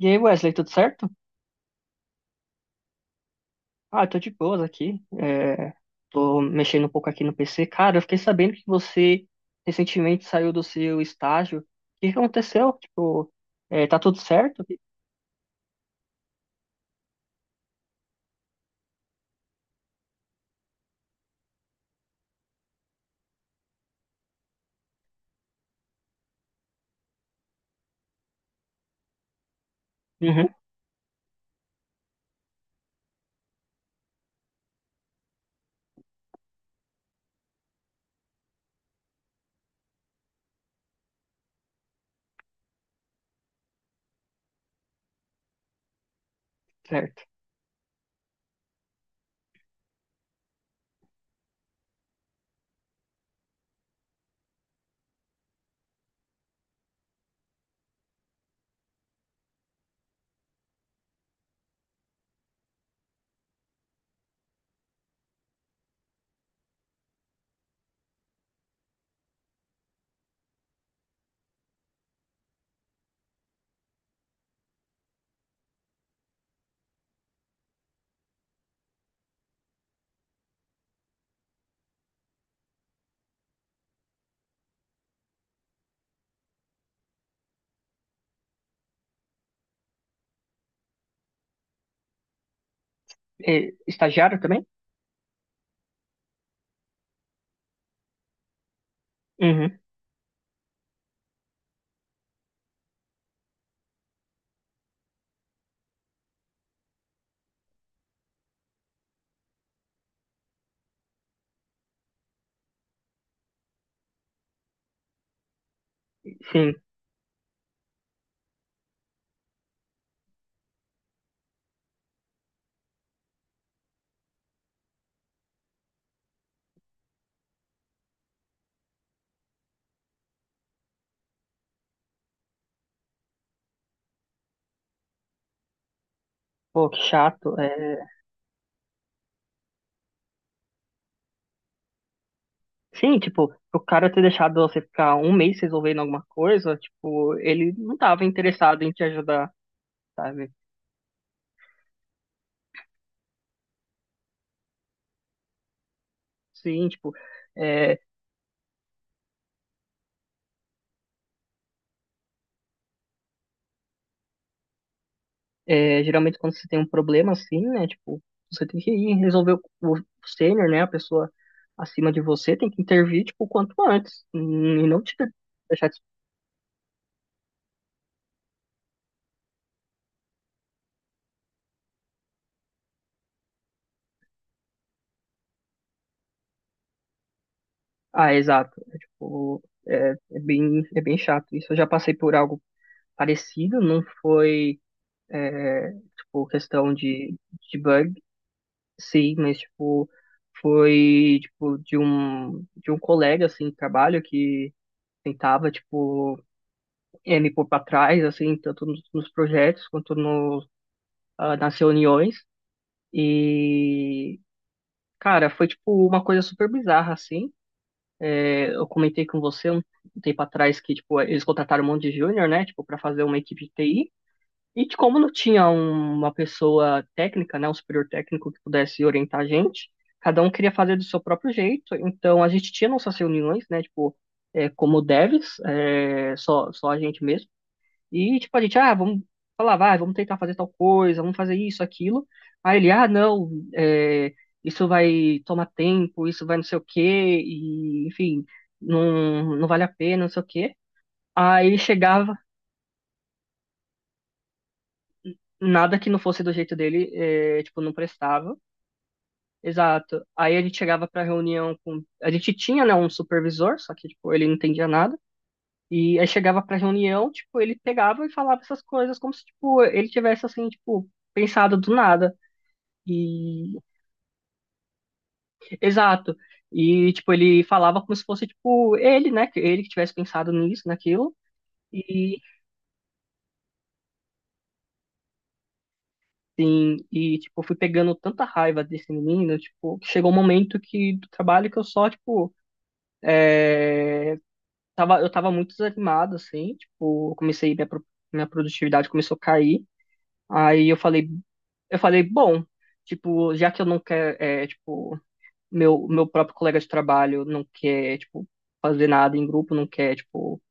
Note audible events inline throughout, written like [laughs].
E aí, Wesley, tudo certo? Ah, eu tô de boas aqui. Tô mexendo um pouco aqui no PC. Cara, eu fiquei sabendo que você recentemente saiu do seu estágio. O que que aconteceu? Tipo, tá tudo certo? Uhum, certo. É, estagiário também? Uhum, sim. Pô, que chato. É, sim, tipo, o cara ter deixado você ficar 1 mês resolvendo alguma coisa, tipo, ele não tava interessado em te ajudar, sabe? Sim, tipo. É. É, geralmente quando você tem um problema assim, né? Tipo, você tem que ir resolver o sênior, né? A pessoa acima de você tem que intervir, tipo, o quanto antes. E não te deixar... des- Ah, exato. É, tipo, é bem, é bem chato. Isso eu já passei por algo parecido, não foi, é, tipo, questão de bug, sim, mas, tipo, foi, tipo, de de um colega, assim, de trabalho que tentava, tipo me pôr para trás, assim, tanto nos, nos projetos quanto no, ah, nas reuniões. E, cara, foi, tipo, uma coisa super bizarra, assim. Eu comentei com você um tempo atrás que, tipo, eles contrataram um monte de júnior, né, tipo, para fazer uma equipe de TI. E de como não tinha um- uma pessoa técnica, né, um superior técnico que pudesse orientar a gente, cada um queria fazer do seu próprio jeito. Então, a gente tinha nossas reuniões, né, tipo, como devs, só a gente mesmo. E, tipo, a gente, ah, vamos falar, vai, vamos tentar fazer tal coisa, vamos fazer isso, aquilo. Aí ele, ah, não, é, isso vai tomar tempo, isso vai não sei o quê, e, enfim, não, não vale a pena, não sei o quê. Aí ele chegava, nada que não fosse do jeito dele, é, tipo, não prestava. Exato. Aí a gente chegava pra reunião com. A gente tinha, né, um supervisor, só que, tipo, ele não entendia nada. E aí chegava pra reunião, tipo, ele pegava e falava essas coisas como se, tipo, ele tivesse, assim, tipo, pensado do nada. E, exato. E, tipo, ele falava como se fosse, tipo, ele, né? Que ele que tivesse pensado nisso, naquilo. E, sim, e, tipo, eu fui pegando tanta raiva desse menino, tipo, que chegou um momento que, do trabalho que eu só, tipo, é, tava, eu tava muito desanimado, assim, tipo, eu comecei, minha, pro- minha produtividade começou a cair. Aí eu falei, bom, tipo, já que eu não quero, é, tipo, meu próprio colega de trabalho não quer, tipo, fazer nada em grupo, não quer, tipo,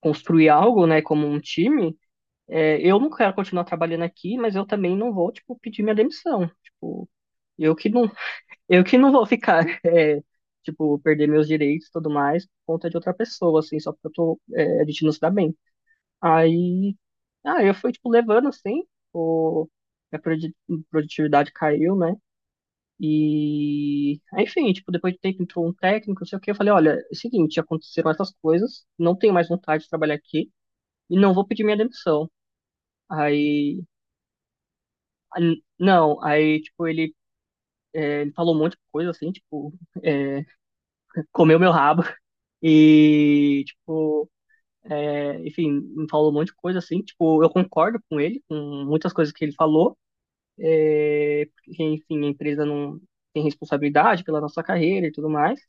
construir algo, né, como um time, é, eu não quero continuar trabalhando aqui, mas eu também não vou, tipo, pedir minha demissão. Tipo, eu que não, eu que não vou ficar, [laughs] é, tipo, perder meus direitos e tudo mais por conta de outra pessoa, assim, só porque eu tô, é, a gente não se dá bem. Aí, ah, eu fui, tipo, levando, assim, o, minha produ- produtividade caiu, né? E, aí, enfim, tipo, depois de um tempo entrou um técnico, não sei o quê, eu falei, olha, é o seguinte, aconteceram essas coisas, não tenho mais vontade de trabalhar aqui, e não vou pedir minha demissão. Aí, a- não, aí, tipo, ele, é, ele falou um monte de coisa, assim, tipo, [laughs] comeu meu rabo e, tipo, é, enfim, me falou um monte de coisa, assim, tipo, eu concordo com ele, com muitas coisas que ele falou, é, porque, enfim, a empresa não tem responsabilidade pela nossa carreira e tudo mais,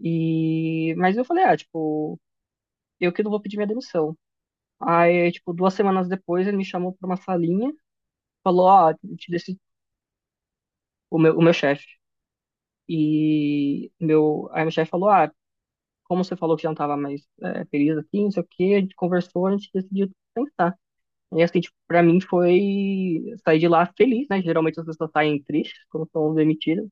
e, mas eu falei, ah, tipo, eu que não vou pedir minha demissão. Aí, tipo, 2 semanas depois, ele me chamou pra uma salinha, falou, ó, eu te deci- o meu chefe. E meu, aí meu chefe falou, ah, como você falou que já não estava mais é, feliz aqui, não sei o quê, a gente conversou, a gente decidiu tentar. E assim, tipo, pra mim foi sair de lá feliz, né? Geralmente as pessoas saem tristes quando são demitidas.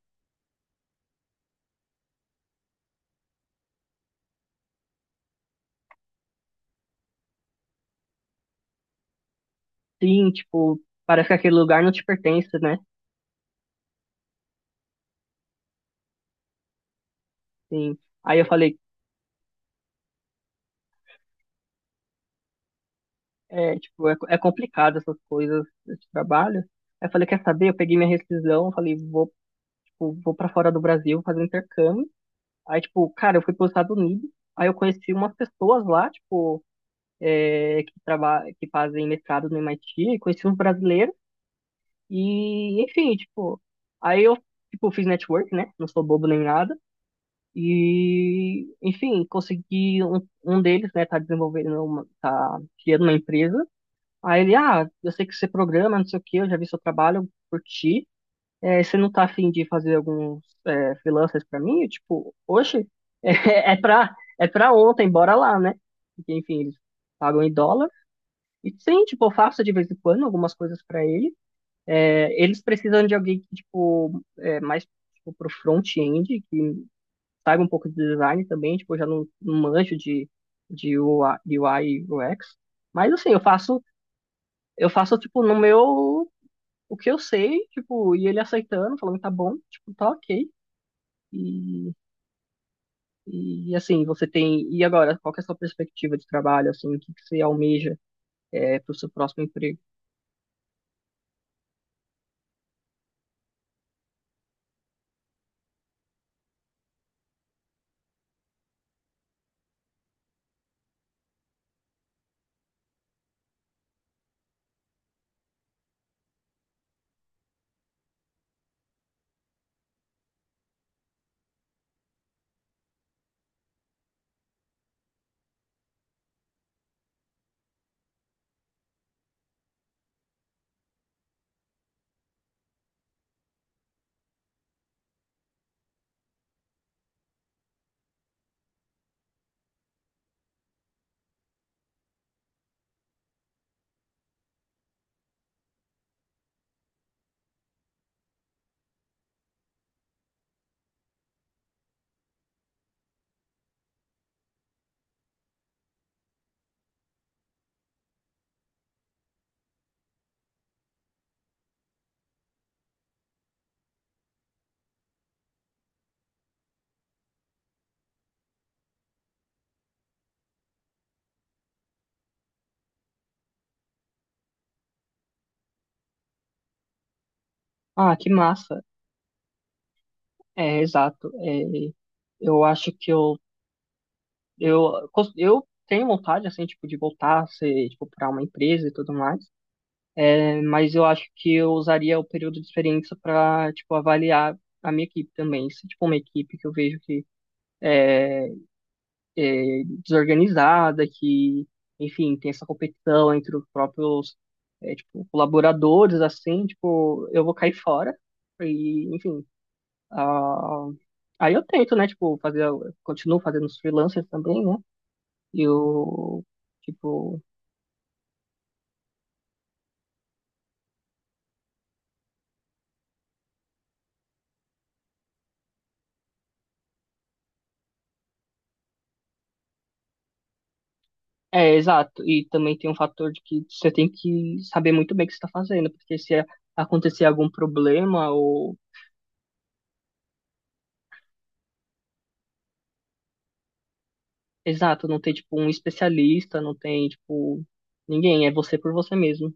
Sim, tipo, parece que aquele lugar não te pertence, né? Sim. Aí eu falei, é, tipo, é complicado essas coisas, esse trabalho. Aí eu falei, quer saber? Eu peguei minha rescisão, falei, vou, tipo, vou para fora do Brasil fazer um intercâmbio. Aí, tipo, cara, eu fui para os Estados Unidos, aí eu conheci umas pessoas lá, tipo, é, que trabalham, que fazem mestrado no MIT, e conheci uns brasileiros, e, enfim, tipo, aí eu, tipo, fiz network, né? Não sou bobo nem nada. E, enfim, consegui um, um deles, né, tá desenvolvendo, uma, tá criando uma empresa. Aí ele, ah, eu sei que você programa, não sei o quê, eu já vi seu trabalho, eu curti é, você não tá afim de fazer alguns é, freelancers pra mim? Eu, tipo, oxe, [laughs] é, é pra ontem, bora lá, né? Porque, enfim, eles pagam em dólar. E sim, tipo, eu faço de vez em quando algumas coisas pra ele. É, eles precisam de alguém que, tipo, é, mais tipo, pro front-end, que saiba um pouco de design também, tipo, eu já não, não manjo de UI e UX. Mas assim, eu faço, tipo, no meu, o que eu sei, tipo, e ele aceitando, falando tá bom, tipo, tá ok. E, e assim, você tem. E agora, qual que é a sua perspectiva de trabalho? Assim, o que que você almeja é, para o seu próximo emprego? Ah, que massa! É, exato. É, eu acho que eu, cons- eu tenho vontade, assim, tipo, de voltar a ser, tipo, para uma empresa e tudo mais, é, mas eu acho que eu usaria o período de experiência para, tipo, avaliar a minha equipe também. Se, tipo, uma equipe que eu vejo que desorganizada, que, enfim, tem essa competição entre os próprios, é, tipo, colaboradores, assim, tipo, eu vou cair fora. E, enfim, ah, aí eu tento, né, tipo, fazer, continuo fazendo os freelancers também, né? E eu, tipo, é, exato. E também tem um fator de que você tem que saber muito bem o que você está fazendo, porque se acontecer algum problema ou, exato, não tem, tipo, um especialista, não tem, tipo, ninguém, é você por você mesmo.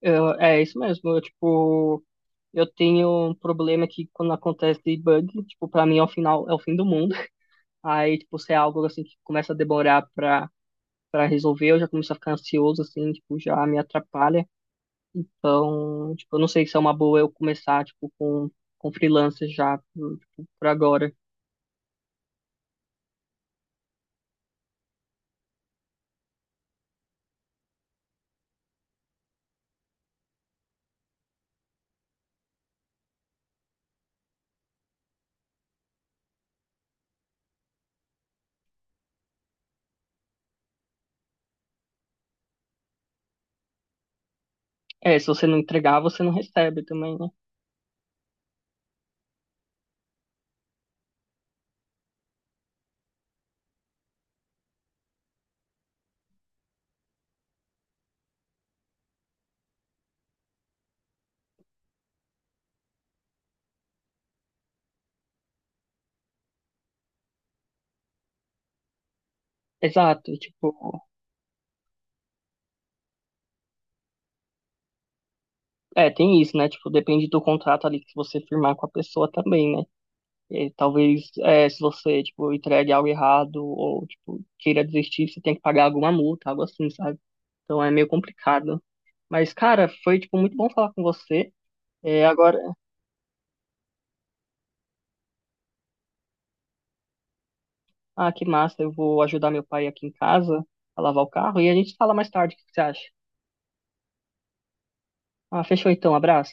Eu- é isso mesmo. Eu, tipo, eu tenho um problema que quando acontece bug, tipo, pra mim é o final, é o fim do mundo. Aí, tipo, se é algo assim que começa a demorar pra resolver, eu já começo a ficar ansioso, assim, tipo, já me atrapalha. Então, tipo, eu não sei se é uma boa eu começar, tipo, com freelancer já, tipo, por agora. É, se você não entregar, você não recebe também, né? Exato, tipo, é, tem isso, né? Tipo, depende do contrato ali que você firmar com a pessoa também, né? E talvez é, se você, tipo, entregue algo errado ou, tipo, queira desistir, você tem que pagar alguma multa, algo assim, sabe? Então é meio complicado. Mas, cara, foi, tipo, muito bom falar com você. É, agora, ah, que massa, eu vou ajudar meu pai aqui em casa a lavar o carro e a gente fala mais tarde, o que que você acha? Ah, fechou então, abraço.